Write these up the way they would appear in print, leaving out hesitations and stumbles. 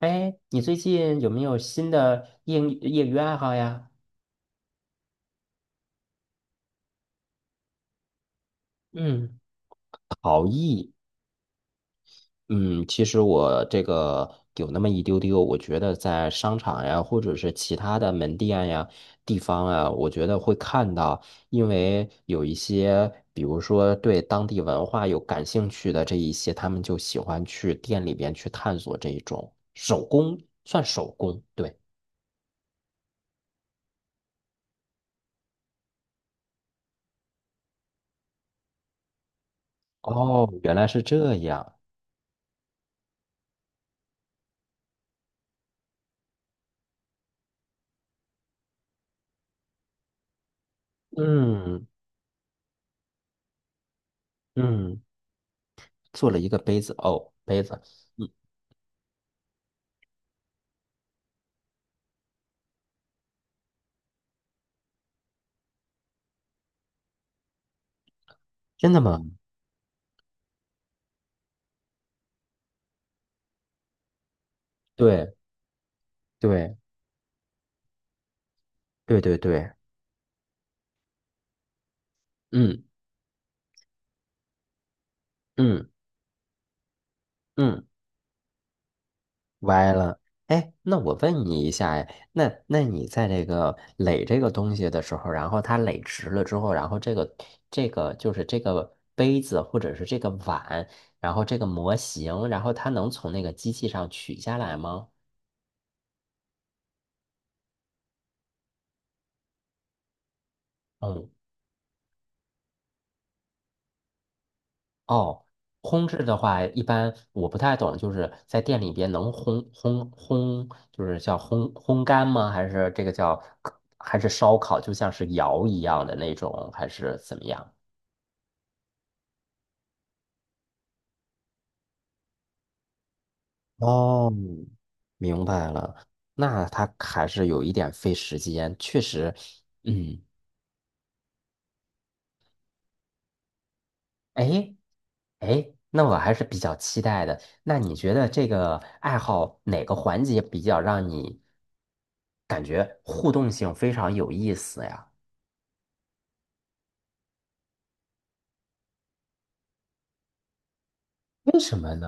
哎，你最近有没有新的业余爱好呀？嗯嗯，其实我这个有那么一丢丢，我觉得在商场呀，或者是其他的门店呀、地方啊，我觉得会看到，因为有一些，比如说对当地文化有感兴趣的这一些，他们就喜欢去店里边去探索这一种手工，算手工，对。哦，原来是这样。嗯嗯。做了一个杯子哦，杯子，嗯，真的吗？对对对对对，嗯嗯嗯，歪了。哎，那我问你一下，哎，那你在这个垒这个东西的时候，然后它垒直了之后，然后这个这个就是这个杯子或者是这个碗，然后这个模型，然后它能从那个机器上取下来吗？嗯哦，烘制的话，一般我不太懂，就是在店里边能烘烘烘，就是叫烘烘干吗？还是这个叫还是烧烤，就像是窑一样的那种，还是怎么样？哦，明白了，那它还是有一点费时间，确实，嗯。哎哎，那我还是比较期待的。那你觉得这个爱好哪个环节比较让你感觉互动性非常有意思呀？为什么呢？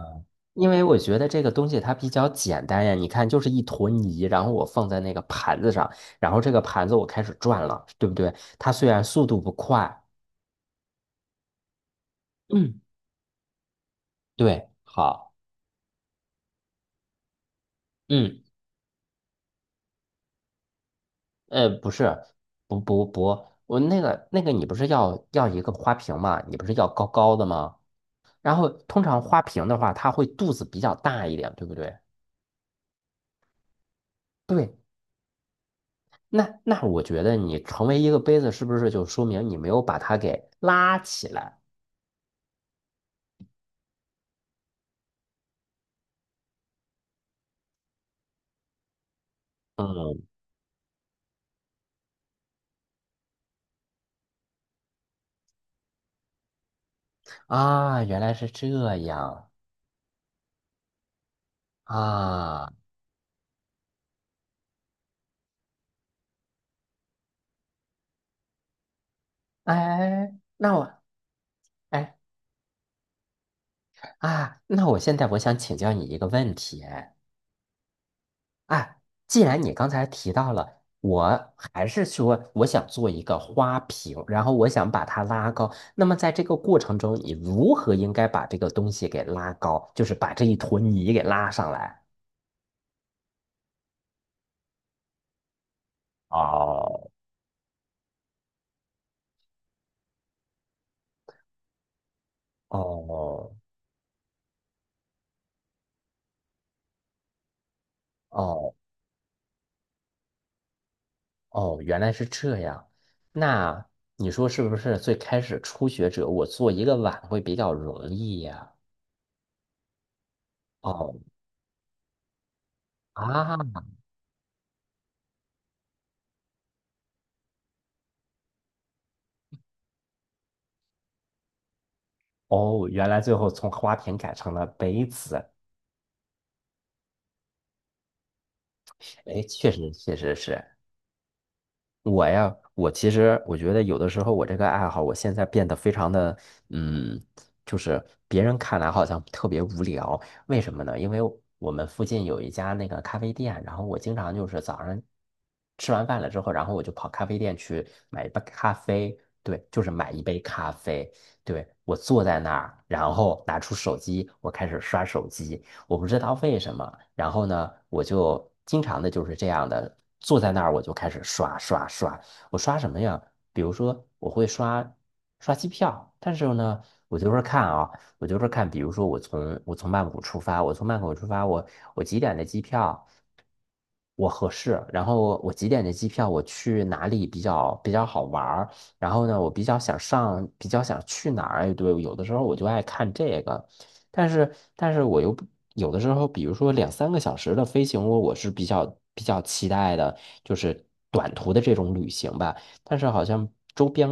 因为我觉得这个东西它比较简单呀，你看就是一坨泥，然后我放在那个盘子上，然后这个盘子我开始转了，对不对？它虽然速度不快，嗯，对，好，嗯。不是，不不不，我那个，你不是要一个花瓶嘛？你不是要高高的吗？然后通常花瓶的话，它会肚子比较大一点，对不对？对，那我觉得你成为一个杯子，是不是就说明你没有把它给拉起来？嗯，啊，原来是这样啊，哎，那我，哎啊，那我现在我想请教你一个问题，哎。哎，既然你刚才提到了，我还是说我想做一个花瓶，然后我想把它拉高。那么在这个过程中，你如何应该把这个东西给拉高，就是把这一坨泥给拉上来？哦，哦哦哦，原来是这样。那你说是不是最开始初学者，我做一个碗会比较容易呀？哦啊，哦，原来最后从花瓶改成了杯子。哎，确实确实是。我呀，我其实我觉得有的时候我这个爱好，我现在变得非常的，嗯，就是别人看来好像特别无聊，为什么呢？因为我们附近有一家那个咖啡店，然后我经常就是早上吃完饭了之后，然后我就跑咖啡店去买一杯咖啡，对，就是买一杯咖啡，对，我坐在那儿，然后拿出手机，我开始刷手机，我不知道为什么。然后呢，我就经常的就是这样的坐在那儿，我就开始刷刷刷。我刷什么呀？比如说我会刷刷机票，但是呢，我就是看啊，我就是看，比如说我从曼谷出发，我从曼谷出发，我几点的机票？我合适，然后我几点的机票，我去哪里比较好玩儿？然后呢，我比较想上，比较想去哪儿？哎，对，有的时候我就爱看这个。但是，但是我又不有的时候，比如说两三个小时的飞行，我是比较期待的，就是短途的这种旅行吧。但是好像周边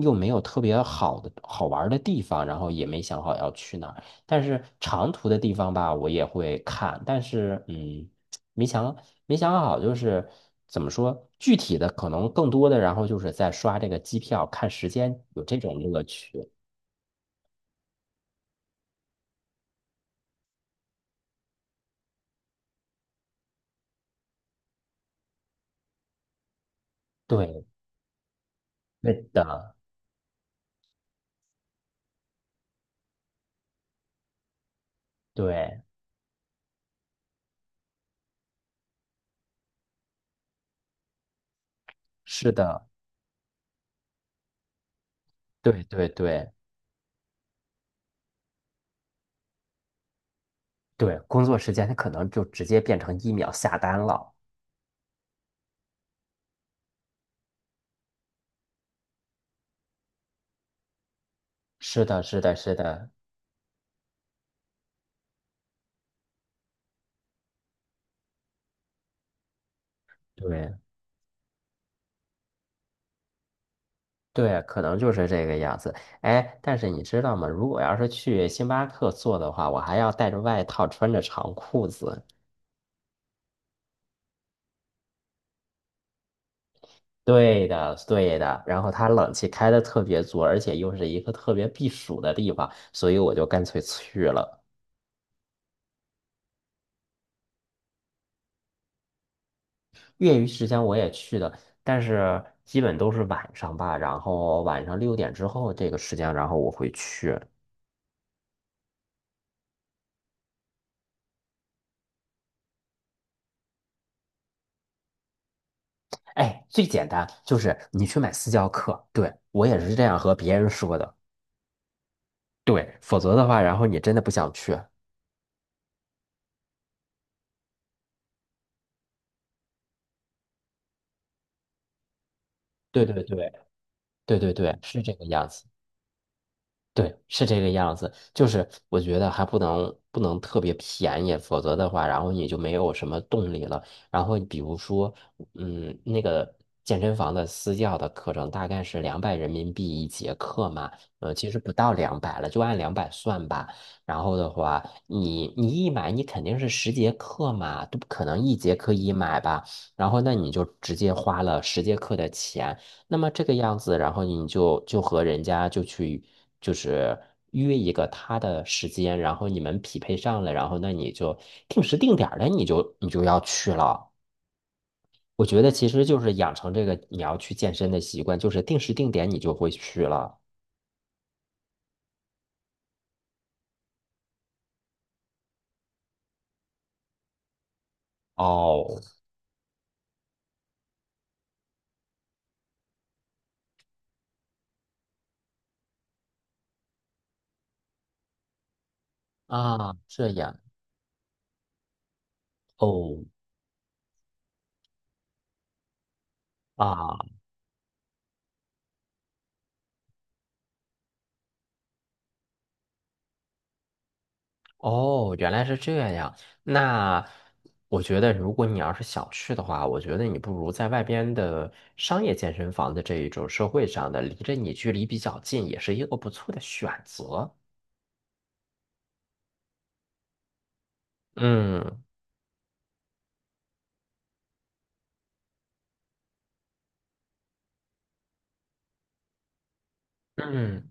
又没有特别好的好玩儿的地方，然后也没想好要去哪儿。但是长途的地方吧，我也会看，但是，没想没想好，就是怎么说，具体的可能更多的，然后就是在刷这个机票看时间，有这种乐趣。对，对的，对。是的，对对对对，工作时间它可能就直接变成一秒下单了。是的，是的，是的，对对，可能就是这个样子。哎，但是你知道吗？如果要是去星巴克做的话，我还要带着外套，穿着长裤子。对的，对的。然后它冷气开的特别足，而且又是一个特别避暑的地方，所以我就干脆去了。业余时间我也去的，但是基本都是晚上吧，然后晚上6点之后这个时间，然后我会去。哎，最简单就是你去买私教课，对，我也是这样和别人说的，对，否则的话，然后你真的不想去。对对对对对对，是这个样子。对，是这个样子。就是我觉得还不能特别便宜，否则的话，然后你就没有什么动力了。然后比如说，嗯，那个健身房的私教的课程大概是两百人民币一节课嘛，其实不到两百了，就按两百算吧。然后的话，你一买，你肯定是十节课嘛，都不可能一节课一买吧。然后那你就直接花了十节课的钱，那么这个样子，然后你就和人家就去就是约一个他的时间，然后你们匹配上了，然后那你就定时定点儿的，你就要去了。我觉得其实就是养成这个你要去健身的习惯，就是定时定点你就会去了。哦，啊，这样哦啊。哦，原来是这样。那我觉得，如果你要是想去的话，我觉得你不如在外边的商业健身房的这一种社会上的，离着你距离比较近，也是一个不错的选择。嗯嗯，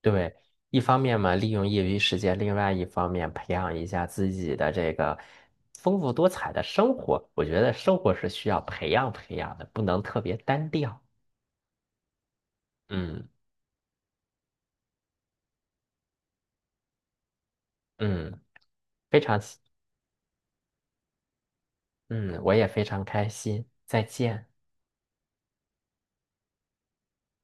对，一方面嘛，利用业余时间，另外一方面培养一下自己的这个丰富多彩的生活。我觉得生活是需要培养培养的，不能特别单调。嗯嗯，非常。嗯，我也非常开心，再见。